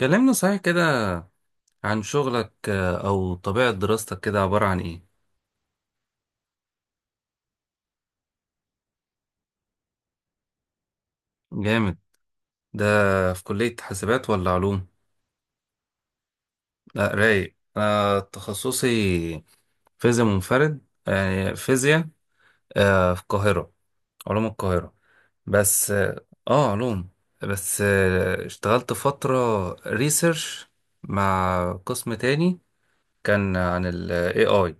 كلمنا صحيح كده عن شغلك، أو طبيعة دراستك كده عبارة عن إيه؟ جامد. ده في كلية حاسبات ولا علوم؟ لا رايق، أنا تخصصي فيزياء منفرد، يعني فيزياء، في القاهرة، علوم القاهرة بس. علوم. بس اشتغلت فترة ريسيرش مع قسم تاني، كان عن ال AI،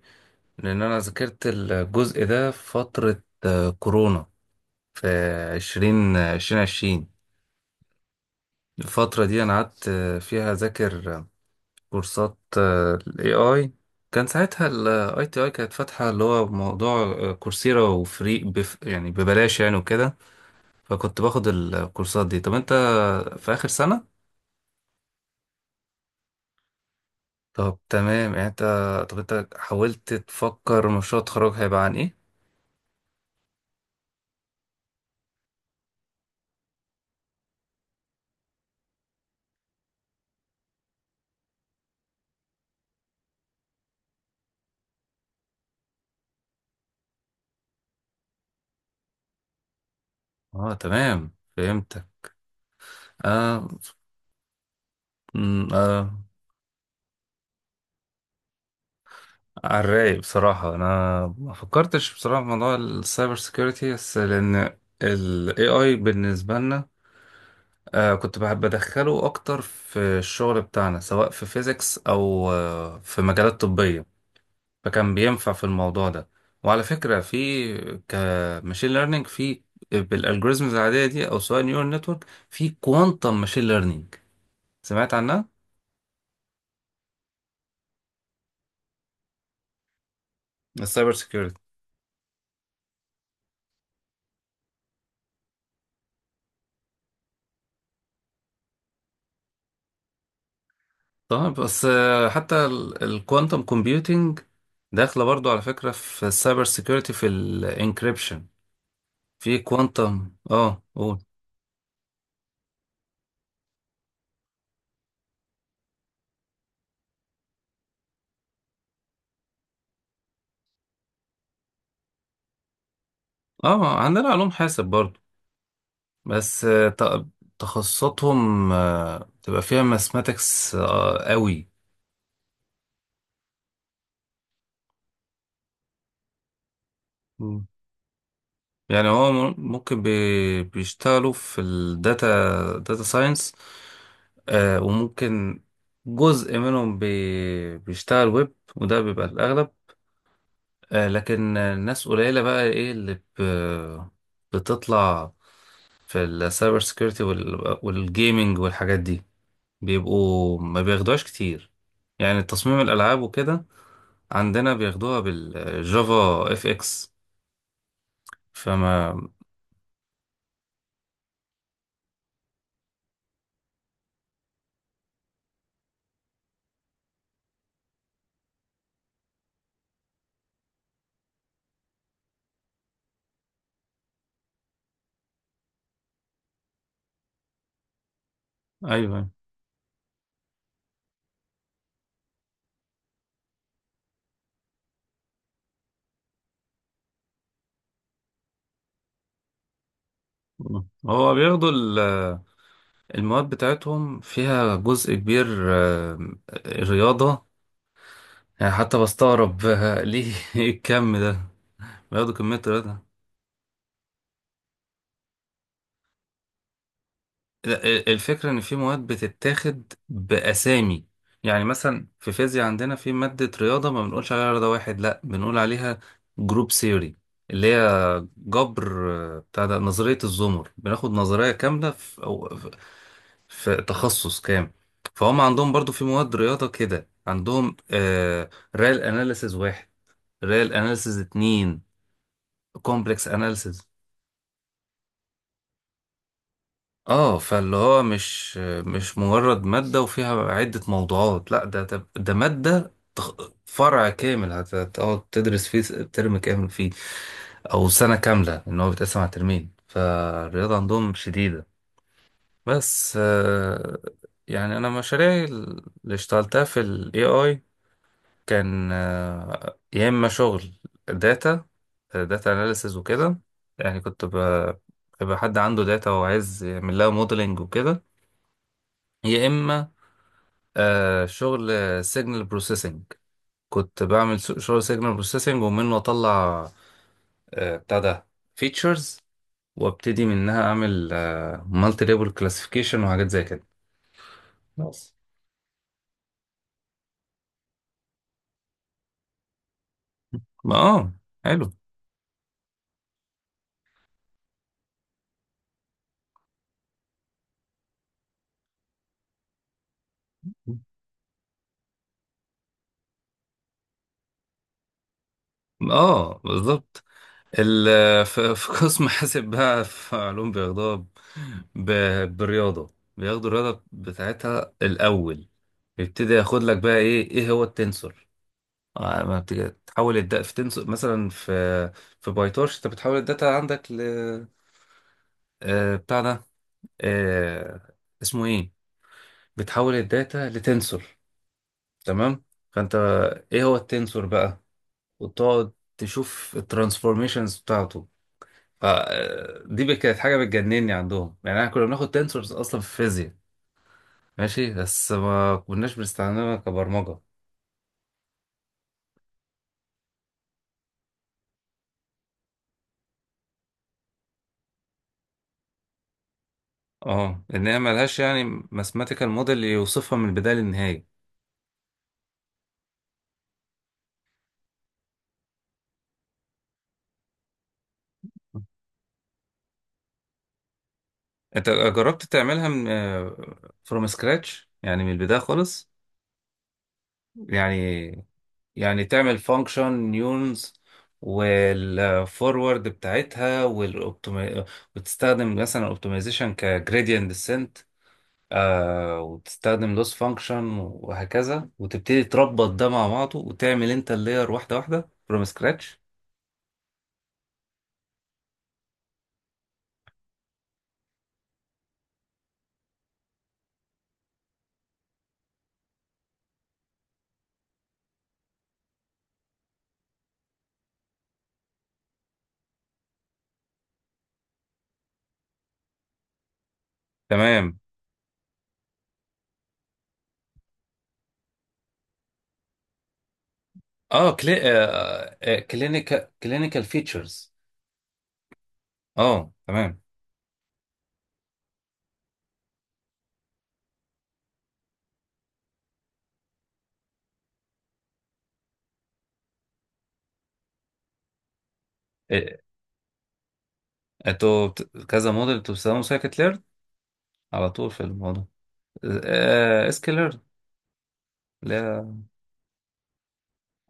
لأن أنا ذاكرت الجزء ده في فترة كورونا، في عشرين عشرين. الفترة دي أنا قعدت فيها أذاكر كورسات ال AI. كان ساعتها ال ITI كانت فاتحة، اللي هو موضوع كورسيرا وفري بف، يعني ببلاش يعني، وكده. فكنت باخد الكورسات دي. طب أنت في آخر سنة؟ طب تمام، يعني طب أنت حاولت تفكر مشروع التخرج هيبقى عن إيه؟ أه، تمام، فهمتك. آه. على الرايق، بصراحة أنا ما فكرتش بصراحة في موضوع السايبر سيكيورتي، بس لأن ال AI بالنسبة لنا، كنت بحب أدخله أكتر في الشغل بتاعنا، سواء في فيزيكس أو في مجالات طبية. فكان بينفع في الموضوع ده. وعلى فكرة، في كماشين ليرنينج، في بالالجوريزمز العادية دي، أو سواء نيورال نتورك، في كوانتم ماشين ليرنينج، سمعت عنها؟ السايبر سيكيورتي طبعا، بس حتى الكوانتم كومبيوتينج داخله برضو على فكره في السايبر سيكيورتي، في الانكريبشن، في كوانتم قول. اه، عندنا علوم حاسب برضو. بس تخصصاتهم تبقى فيها ماثماتكس قوي. مم. يعني هو ممكن بيشتغلوا في الداتا، داتا ساينس، وممكن جزء منهم بيشتغل ويب، وده بيبقى الأغلب. لكن الناس قليلة بقى، ايه اللي بتطلع في السايبر سيكيورتي وال والجيمينج والحاجات دي، بيبقوا ما بياخدوهاش كتير. يعني تصميم الألعاب وكده، عندنا بياخدوها بالجافا اف اكس. فما ايوه، هو بياخدوا المواد بتاعتهم فيها جزء كبير، آه، رياضة. يعني حتى بستغرب، ليه إيه الكم ده؟ بياخدوا كمية رياضة. لا، الفكرة إن في مواد بتتاخد بأسامي. يعني مثلا في فيزياء عندنا في مادة رياضة، ما بنقولش عليها رياضة واحد، لأ، بنقول عليها جروب سيوري، اللي هي جبر، بتاع ده نظرية الزمر. بناخد نظرية كاملة في, أو في في تخصص كام. فهم عندهم برضو في مواد رياضة كده، عندهم ريال أناليسز واحد، ريال أناليسز اتنين، كومبلكس أناليسز. اه، فاللي هو مش مجرد مادة وفيها عدة موضوعات، لا، ده مادة، فرع كامل، هتقعد تدرس فيه ترم كامل فيه، او سنة كاملة ان هو بيتقسم على ترمين. فالرياضة عندهم شديدة. بس يعني انا مشاريعي اللي اشتغلتها في ال AI، كان يا اما شغل داتا داتا اناليسز وكده. يعني كنت بيبقى حد عنده داتا وعايز يعمل لها موديلنج وكده، يا اما شغل سيجنال بروسيسنج. كنت بعمل شغل سيجنال بروسيسنج، ومنه اطلع بتاع ده فيتشرز، وابتدي منها اعمل مالتي ليبل كلاسيفيكيشن وحاجات زي كده. ناقص ما، اه، حلو. اه، بالظبط. في قسم حاسب بقى في علوم، بياخدوها بالرياضة. بياخدوا الرياضة بتاعتها الأول. يبتدي ياخد لك بقى، ايه هو التنسور. آه، ما بت- بتحول الداتا في تنس، مثلا، في بايتورش، انت بتحول الداتا عندك ل، بتاع ده، آه، اسمه ايه، بتحول الداتا لتنسور، تمام. فانت ايه هو التنسور بقى؟ وتقعد تشوف الترانسفورميشنز بتاعته. دي بقى كانت حاجه بتجنني عندهم. يعني احنا كنا بناخد تنسورز اصلا في الفيزياء، ماشي، بس ما كناش بنستخدمها كبرمجه. اه ان هي ملهاش يعني ماثيماتيكال موديل يوصفها من البدايه للنهايه. انت جربت تعملها من فروم سكراتش؟ يعني من البداية خالص، يعني تعمل فانكشن نيونز والفورورد بتاعتها وتستخدم مثلا الاوبتمايزيشن كجريدينت ديسنت، وتستخدم لوس فانكشن وهكذا، وتبتدي تربط ده مع بعضه، وتعمل انت اللاير واحدة واحدة فروم سكراتش. تمام. كلينيكال فيتشرز. Clinical features. تمام. آه، كذا موديل. انتوا بتستخدموا سايكت ليرن على طول في الموضوع؟ اس كي ليرن، لا،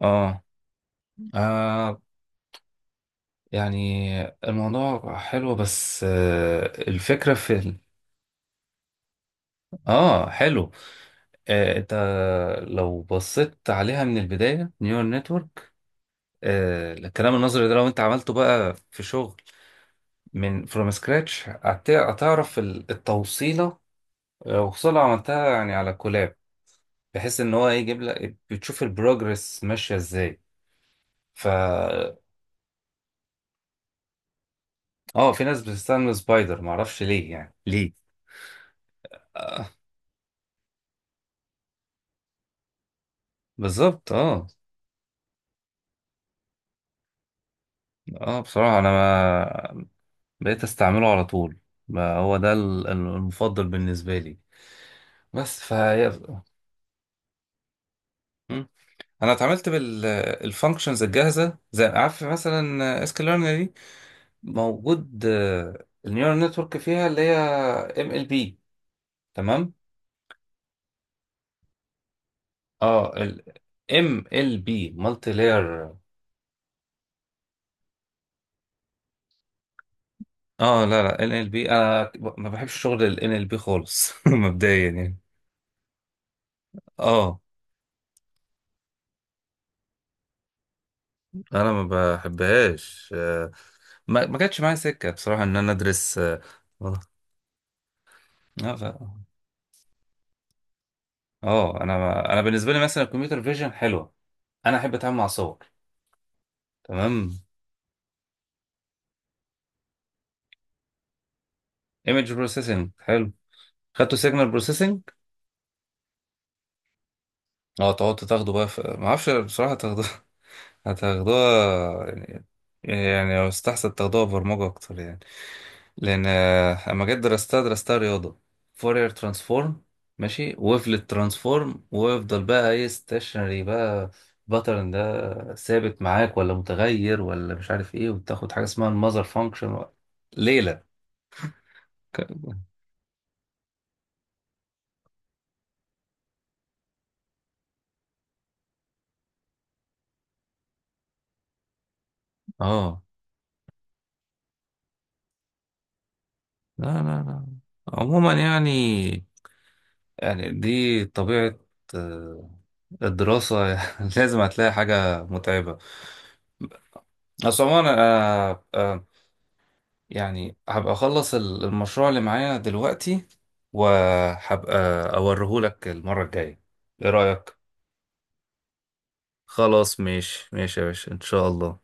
اه آه، يعني الموضوع حلو، بس الفكرة في اه، حلو. انت لو بصيت عليها من البداية، نيورال نتورك، الكلام النظري ده، لو انت عملته بقى في شغل من فروم سكراتش هتعرف التوصيلة، وخصوصا لو عملتها يعني على كولاب، بحيث ان هو يجيب لك، بتشوف البروجرس ماشيه ازاي. ف اه في ناس بتستخدم سبايدر، ما اعرفش ليه يعني ليه. آه بالظبط. اه اه بصراحه انا ما بقيت استعمله على طول. ما هو ده المفضل بالنسبه لي، بس انا اتعاملت بالفانكشنز الجاهزه، زي عارف، مثلا اس كيو دي موجود. النيورال نتورك فيها اللي هي ام ال بي، تمام. اه ال ام ال بي مالتي لاير. اه لا، لا، ان ال بي، انا ما بحبش شغل الان ال بي خالص مبدئيا يعني. اه انا ما بحبهاش، ما جاتش معايا سكه بصراحه ان انا ادرس آه، ف- انا ما... انا بالنسبه لي مثلا الكمبيوتر فيجن حلوه. انا احب اتعامل مع صور، تمام. ايمج بروسيسنج حلو. خدتوا سيجنال بروسيسنج؟ اه تقعد تاخده بقى في، ما اعرفش بصراحه تاخده هتاخدوها يعني، يعني لو استحسن تاخدوها برمجة أكتر. يعني لأن أما جيت درستها، درستها رياضة. فورير ترانسفورم، ماشي، ويفلت ترانسفورم، ويفضل بقى ايه ستيشنري بقى، باترن ده ثابت معاك ولا متغير ولا مش عارف ايه، وتاخد حاجة اسمها المذر فانكشن، ليلة. ك- اه لا، لا، لا. عموما يعني، يعني دي طبيعة آه، الدراسة. لازم هتلاقي حاجة متعبة. بس عموما أنا يعني هبقى أخلص المشروع اللي معايا دلوقتي، وهبقى أوريهولك المرة الجاية. إيه رأيك؟ خلاص، ماشي، ماشي يا باشا، إن شاء الله.